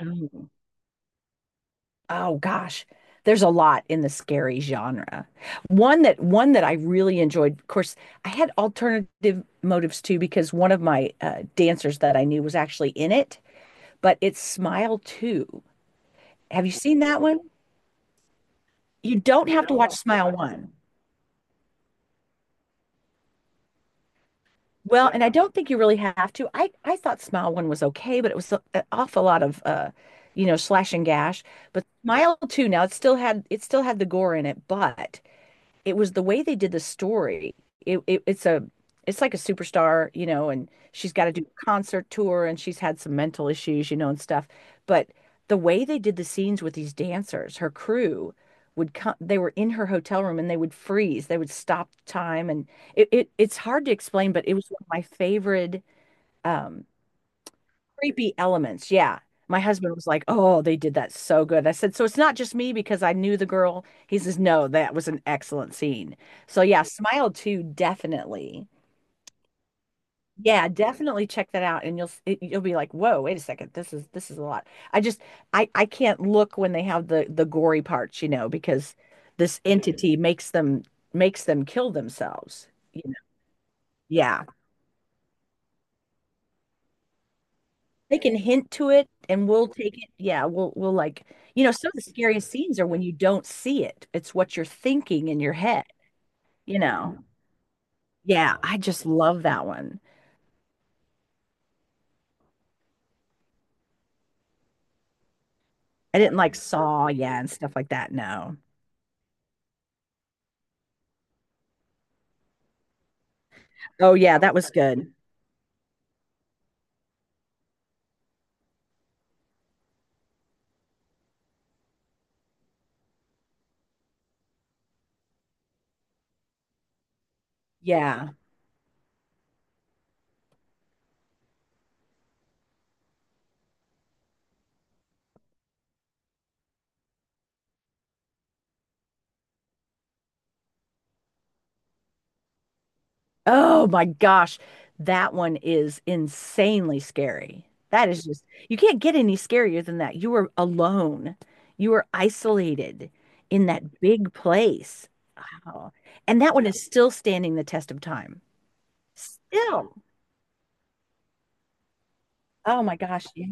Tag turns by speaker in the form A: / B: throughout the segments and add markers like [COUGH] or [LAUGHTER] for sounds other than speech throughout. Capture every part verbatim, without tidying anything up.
A: Oh, oh gosh. There's a lot in the scary genre. One that one that I really enjoyed. Of course, I had alternative motives too because one of my uh, dancers that I knew was actually in it, but it's Smile two. Have you seen that one? You don't have to watch Smile one. Well, and I don't think you really have to. I I thought Smile One was okay, but it was a- an awful lot of uh, you know, slash and gash. But Smile Two, now it still had it still had the gore in it, but it was the way they did the story. It, it it's a it's like a superstar, you know, and she's got to do a concert tour, and she's had some mental issues, you know, and stuff. But the way they did the scenes with these dancers, her crew would come, they were in her hotel room, and they would freeze, they would stop time. And it, it it's hard to explain, but it was one of my favorite um, creepy elements. Yeah. My husband was like, "Oh, they did that so good." I said, "So it's not just me because I knew the girl." He says, "No, that was an excellent scene." So yeah, Smile too, definitely. Yeah, definitely check that out, and you'll s- it, you'll be like, "Whoa, wait a second, this is this is a lot." I just I I can't look when they have the the gory parts, you know, because this entity makes them makes them kill themselves. You know? Yeah. They can hint to it and we'll take it. Yeah, we'll we'll like, you know, some of the scariest scenes are when you don't see it. It's what you're thinking in your head, you know. Yeah, I just love that one. I didn't like Saw, yeah, and stuff like that. No. Oh yeah, that was good. Yeah. Oh my gosh. That one is insanely scary. That is just, you can't get any scarier than that. You were alone. You were isolated in that big place. Oh, and that one is still standing the test of time. Still. Oh my gosh. Yeah.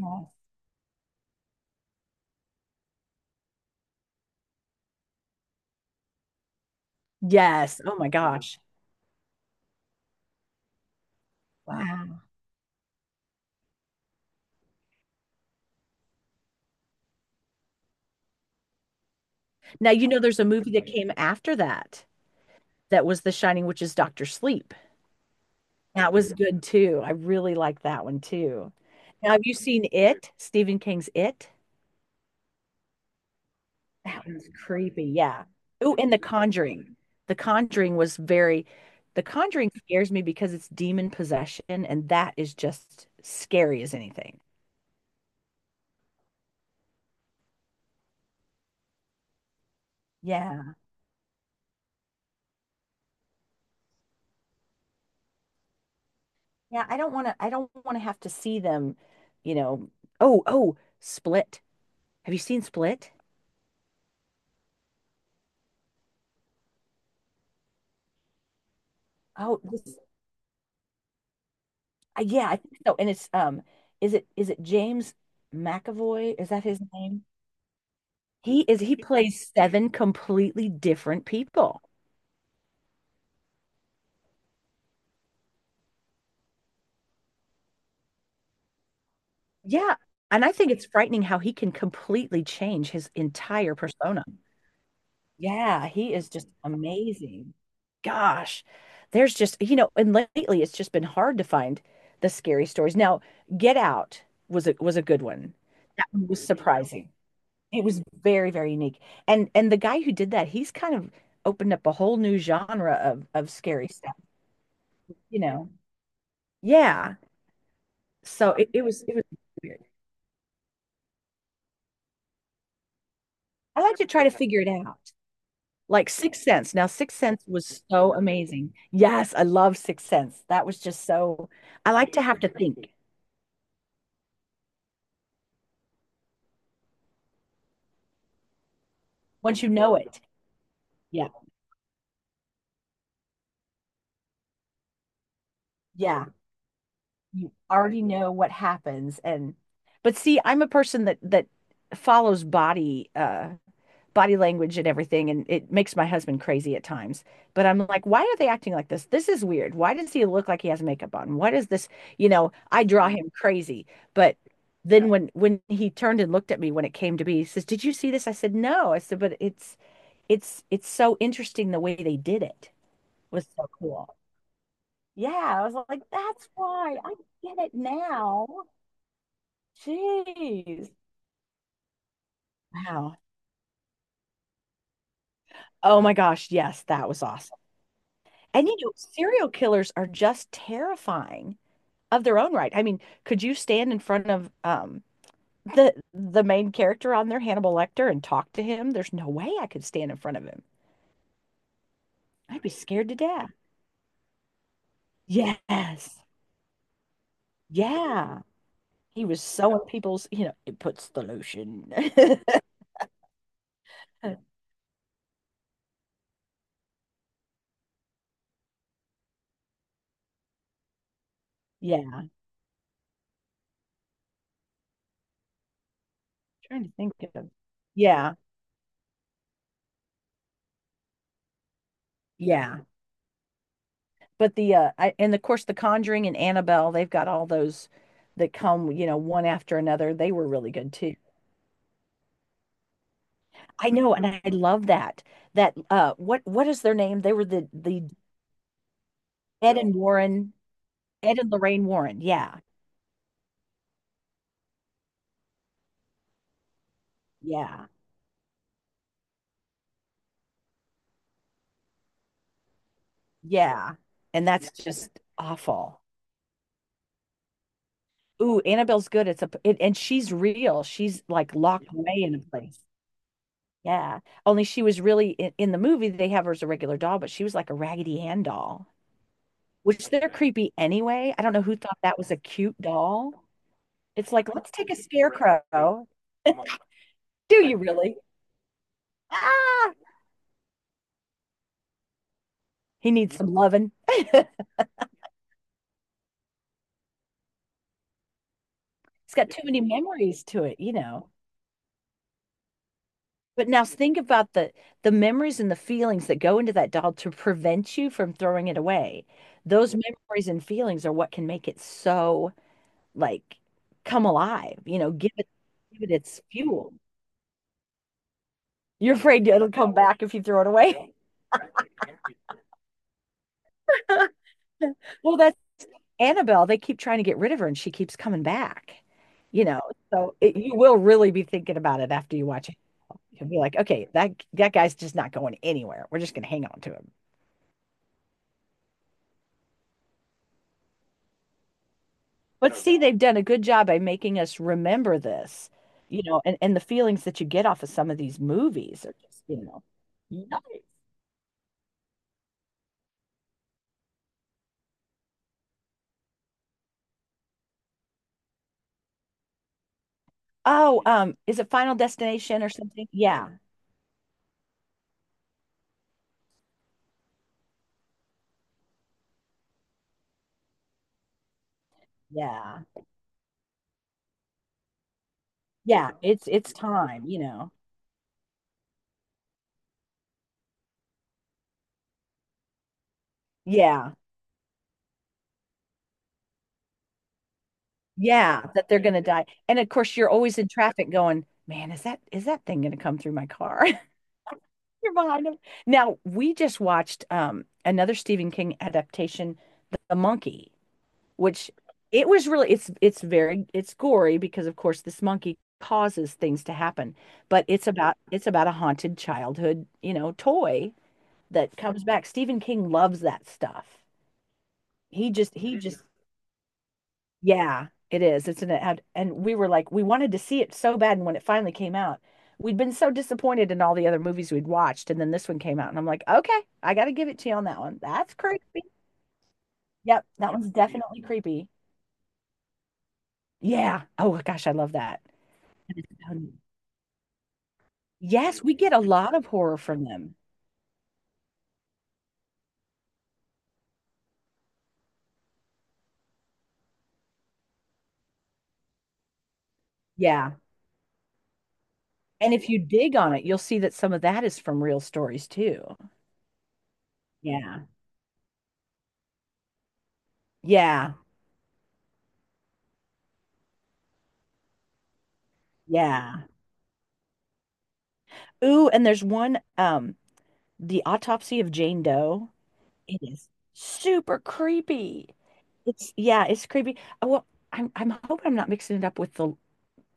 A: Yes. Oh my gosh. Wow. Now, you know, there's a movie that came after that, that was The Shining, which is Doctor Sleep. That was good too. I really like that one too. Now, have you seen It? Stephen King's It? That one's creepy. Yeah. Oh, and The Conjuring. The Conjuring was very, The Conjuring scares me because it's demon possession, and that is just scary as anything. Yeah. Yeah, I don't want to I don't want to have to see them, you know. Oh, oh, Split. Have you seen Split? Oh, this, uh, yeah, I think so. And it's um is it, is it James McAvoy? Is that his name? He is he plays seven completely different people. Yeah. And I think it's frightening how he can completely change his entire persona. Yeah, he is just amazing. Gosh, there's just, you know, and lately it's just been hard to find the scary stories. Now, Get Out was a was a good one. That one was surprising. It was very, very unique. And and the guy who did that, he's kind of opened up a whole new genre of of scary stuff, you know. Yeah. So it, it was it was weird. I like to try to figure it out. Like Sixth Sense. Now, Sixth Sense was so amazing. Yes, I love Sixth Sense. That was just so. I like to have to think once you know it. Yeah, yeah, you already know what happens, and but see, I'm a person that that follows body uh body language and everything, and it makes my husband crazy at times, but I'm like, why are they acting like this? This is weird. Why does he look like he has makeup on? What is this, you know? I draw him crazy, but then Yeah, when when he turned and looked at me when it came to be, he says, "Did you see this?" I said, "No." I said, "But it's it's it's so interesting the way they did it, was so cool." Yeah, I was like, that's why I get it now. Jeez. Wow. Oh my gosh, yes, that was awesome. And you know, serial killers are just terrifying of their own right. I mean, could you stand in front of um the the main character on there, Hannibal Lecter, and talk to him? There's no way I could stand in front of him. I'd be scared to death. Yes. Yeah. He was sewing people's, you know, it puts the lotion. [LAUGHS] Yeah. Trying to think of. Yeah. Yeah. But the uh I, and of course, The Conjuring and Annabelle, they've got all those that come, you know, one after another. They were really good too. I know, and I love that. That uh, what what is their name? They were the the Ed and Warren, Ed and Lorraine Warren. Yeah, yeah, yeah. And that's just awful. Ooh, Annabelle's good. It's a it, and she's real. She's like locked away in a place. Yeah. Only she was really in, in the movie. They have her as a regular doll, but she was like a Raggedy Ann doll, which they're creepy anyway. I don't know who thought that was a cute doll. It's like, let's take a scarecrow. [LAUGHS] Do you really? Ah. He needs some loving. [LAUGHS] It has got too many memories to it, you know. But now think about the the memories and the feelings that go into that doll to prevent you from throwing it away. Those memories and feelings are what can make it so, like, come alive, you know, give it give it its fuel. You're afraid it'll come back if you throw it away. [LAUGHS] Well, that's Annabelle. They keep trying to get rid of her and she keeps coming back, you know. So it, you will really be thinking about it after you watch it. He'll be like, okay, that that guy's just not going anywhere. We're just going to hang on to him. But see, they've done a good job by making us remember this, you know, and, and the feelings that you get off of some of these movies are just, you know, yikes. Oh, um, is it Final Destination or something? Yeah, yeah, yeah. It's it's time, you know. Yeah, yeah, that they're gonna die. And of course, you're always in traffic going, man, is that is that thing gonna come through my car? [LAUGHS] You're behind him. Now, we just watched um, another Stephen King adaptation, The, The Monkey, which it was really it's it's very it's gory because of course this monkey causes things to happen, but it's about it's about a haunted childhood, you know, toy that comes back. Stephen King loves that stuff. He just he just yeah, it is. It's an ad, and we were like, we wanted to see it so bad. And when it finally came out, we'd been so disappointed in all the other movies we'd watched, and then this one came out, and I'm like, okay, I got to give it to you on that one. That's creepy. Yep, that one's definitely creepy. Yeah. Oh gosh, I love that. And it's so- Yes, we get a lot of horror from them. Yeah. And if you dig on it, you'll see that some of that is from real stories too. Yeah. Yeah. Yeah. Ooh, and there's one, um, The Autopsy of Jane Doe. It is. Super creepy. It's yeah, it's creepy. Uh, Well, I'm I'm hoping I'm not mixing it up with the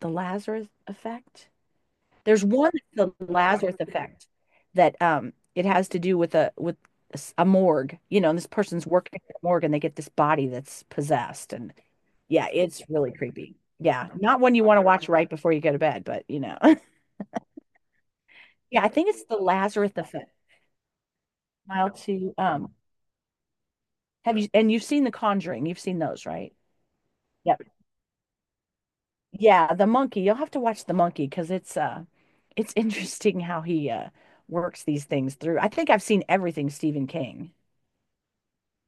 A: the Lazarus effect. There's one, the Lazarus effect, that um it has to do with a with a s- a morgue, you know, and this person's working at the morgue and they get this body that's possessed, and yeah, it's really creepy. Yeah, not one you want to watch right before you go to bed, but you know. [LAUGHS] Yeah, I think it's the Lazarus effect. Mile to. Um, have you, and you've seen The Conjuring, you've seen those, right? Yep. Yeah, the monkey. You'll have to watch the monkey because it's uh it's [LAUGHS] interesting how he uh works these things through. I think I've seen everything Stephen King.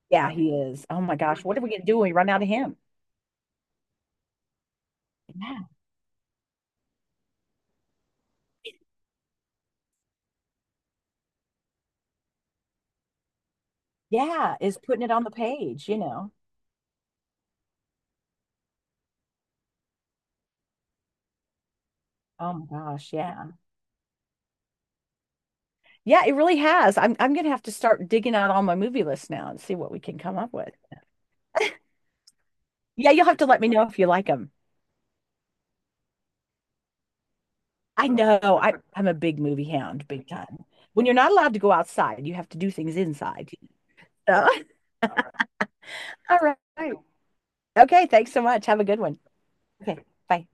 A: Yeah, he is. Oh my gosh, what are we gonna do when we run out of him? Yeah. Yeah, is putting it on the page, you know. Oh my gosh, yeah. Yeah, it really has. I'm I'm gonna have to start digging out all my movie lists now and see what we can come up with. Yeah, you'll have to let me know if you like them. I know I, I'm a big movie hound, big time. When you're not allowed to go outside, you have to do things inside. So, [LAUGHS] all right. Okay, thanks so much. Have a good one. Okay, bye.